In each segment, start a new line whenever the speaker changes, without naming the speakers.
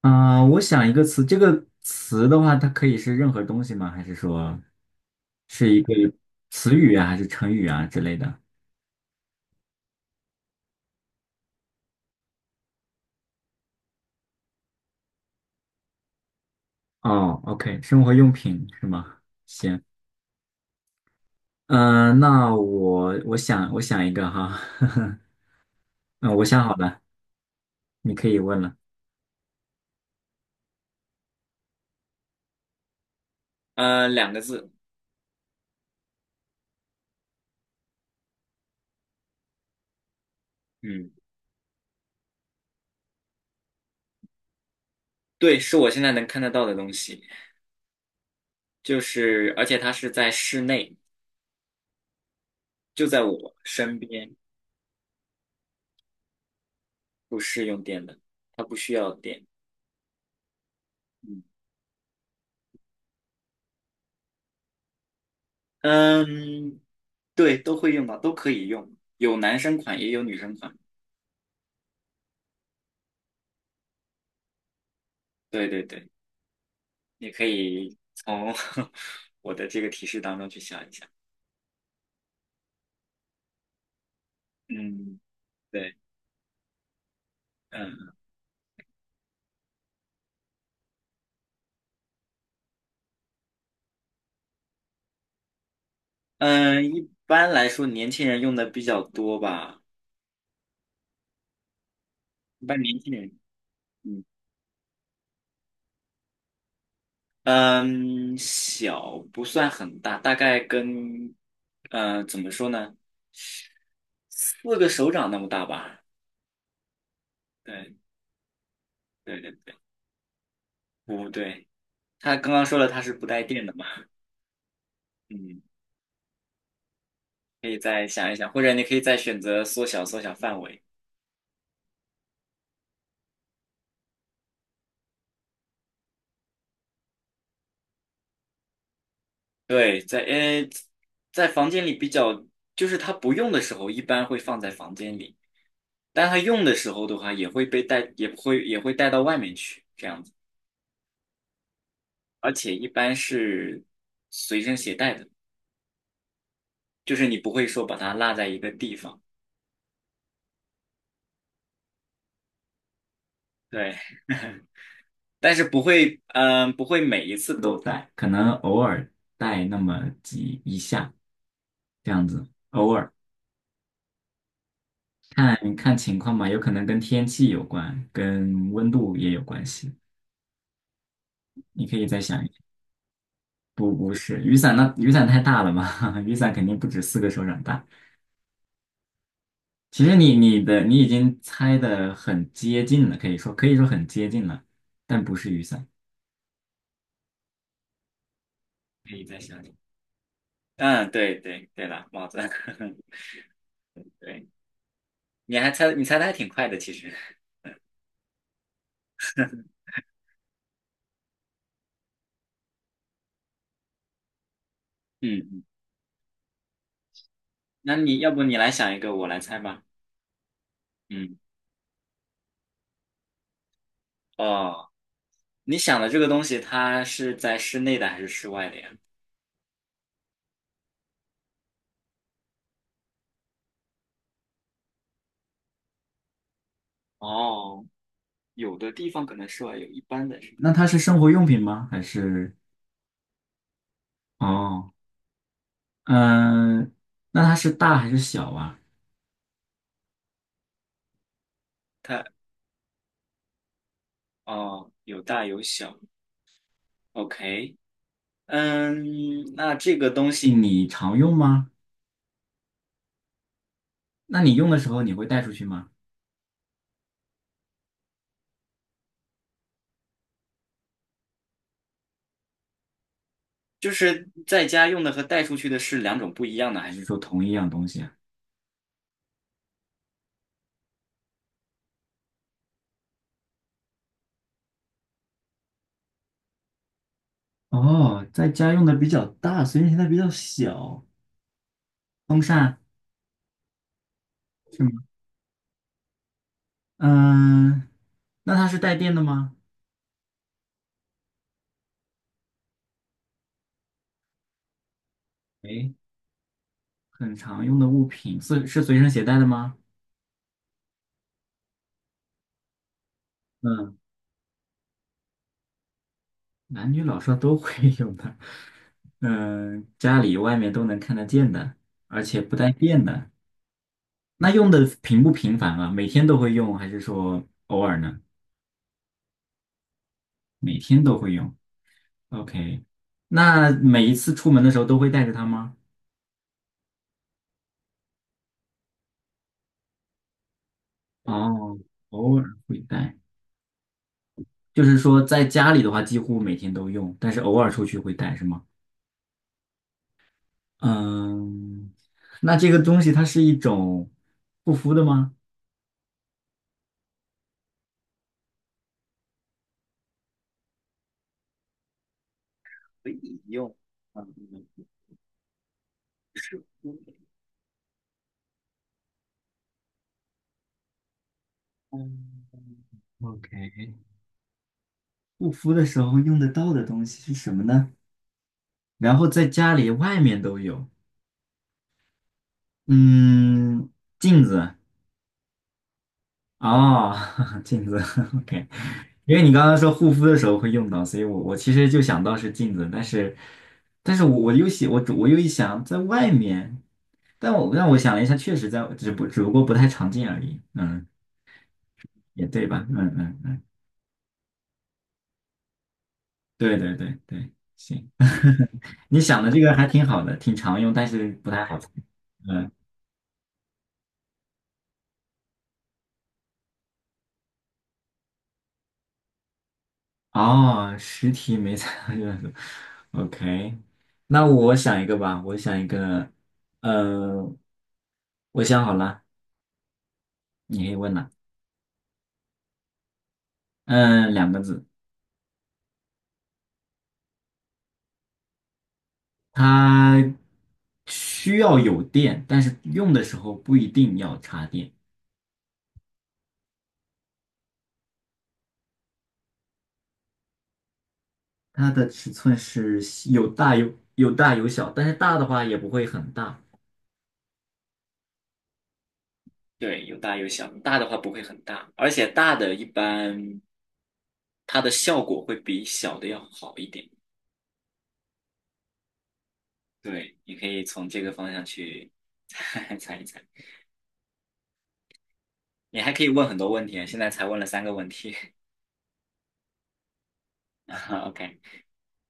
啊，我想一个词，这个词的话，它可以是任何东西吗？还是说是一个词语啊，还是成语啊之类的？哦，OK，生活用品是吗？行，那我想一个哈，嗯、我想好了，你可以问了。呃，两个字，嗯，对，是我现在能看得到的东西，就是而且它是在室内，就在我身边，不是用电的，它不需要电。嗯，嗯对，都会用到，都可以用，有男生款也有女生款。对对对，你可以从 我的这个提示当中去想一想。嗯，对，嗯嗯，一般来说年轻人用的比较多吧，一般年轻人，嗯嗯，小不算很大，大概跟怎么说呢，四个手掌那么大吧。对对对对，不对，他刚刚说了他是不带电的嘛，嗯。可以再想一想，或者你可以再选择缩小范围。对，在房间里比较，就是它不用的时候，一般会放在房间里，但它用的时候的话，也会被带，也不会也会带到外面去这样子，而且一般是随身携带的，就是你不会说把它落在一个地方。对，但是不会，不会每一次都带，可能偶尔带那么几一下这样子，偶尔。看看情况吧，有可能跟天气有关，跟温度也有关系。你可以再想一想，不是雨伞那雨伞太大了嘛，雨伞肯定不止四个手掌大。其实你已经猜的很接近了，可以说很接近了，但不是雨伞。可以再想想。嗯，对对对了，帽子。对，你猜的还挺快的，其实。嗯嗯，那你要不你来想一个，我来猜吧。嗯，哦，你想的这个东西，它是在室内的还是室外的呀？哦，有的地方可能室外有一般的是那它是生活用品吗？还是哦，嗯、那它是大还是小啊？它哦，有大有小。OK,嗯，那这个东西你常用吗？那你用的时候你会带出去吗？就是在家用的和带出去的是两种不一样的，还是说同一样东西啊？哦，在家用的比较大，所以现在比较小。风扇是吗？嗯、那它是带电的吗？哎很常用的物品是随身携带的吗？嗯，男女老少都会有的，嗯，家里外面都能看得见的，而且不带电的。那用的频不频繁啊？每天都会用，还是说偶尔呢？每天都会用。OK,那每一次出门的时候都会带着它吗？哦，偶尔会带，就是说在家里的话几乎每天都用，但是偶尔出去会带，是吗？嗯，那这个东西它是一种护肤的吗？？OK,护肤的时候用得到的东西是什么呢？然后在家里、外面都有。嗯，镜子哦，镜子。OK,因为你刚刚说护肤的时候会用到，所以我其实就想到是镜子，但是，但是我一想在外面，但我想了一下，确实在只不过不太常见而已。嗯，也对吧？嗯嗯。对对对对，行，你想的这个还挺好的，挺常用，但是不太好猜。嗯，哦，实体没猜到 o k 那我想一个吧，我想一个，呃，我想好了，你可以问了。嗯，两个字，它需要有电，但是用的时候不一定要插电。它的尺寸是有小，但是大的话也不会很大。对，有大有小，大的话不会很大，而且大的一般它的效果会比小的要好一点。对，你可以从这个方向去 猜一猜。你还可以问很多问题啊现在才问了三个问题。啊 OK,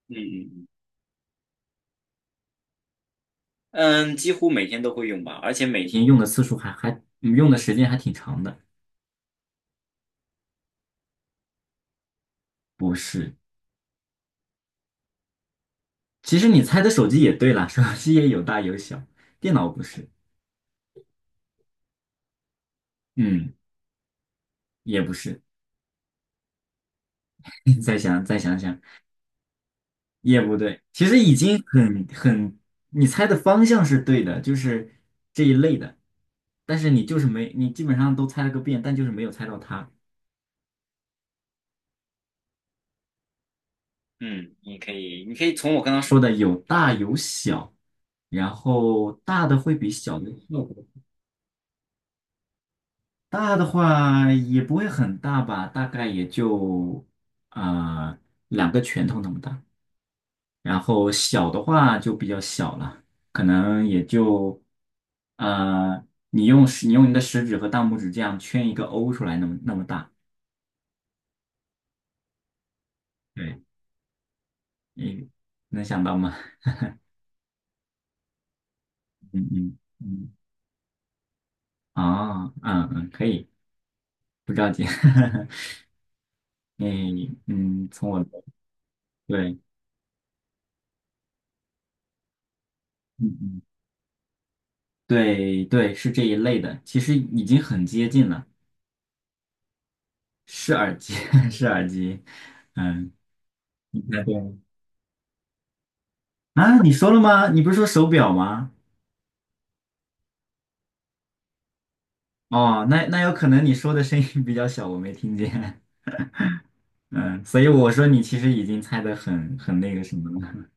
嗯嗯嗯，几乎每天都会用吧，而且每天用的次数用的时间还挺长的。不是，其实你猜的手机也对啦，手机也有大有小，电脑不是，嗯，也不是。再想想。也不对，其实已经很很，你猜的方向是对的，就是这一类的，但是你就是没，你基本上都猜了个遍，但就是没有猜到它。嗯，你可以从我刚刚说的有大有小，然后大的会比小的效果大的话也不会很大吧，大概也就啊、呃两个拳头那么大。然后小的话就比较小了，可能也就，呃，你用你的食指和大拇指这样圈一个 O 出来，那么大。对，你能想到吗？嗯嗯嗯，啊，嗯嗯，可以，不着急。你嗯，从我的对，嗯嗯，对对，是这一类的，其实已经很接近了，是耳机，是耳机，嗯，你猜对了啊，你说了吗？你不是说手表吗？哦，那那有可能你说的声音比较小，我没听见。嗯，所以我说你其实已经猜得很很那个什么了。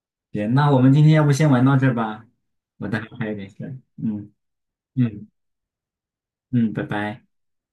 行，那我们今天要不先玩到这儿吧，我待会儿还有点事儿。嗯嗯嗯，拜拜。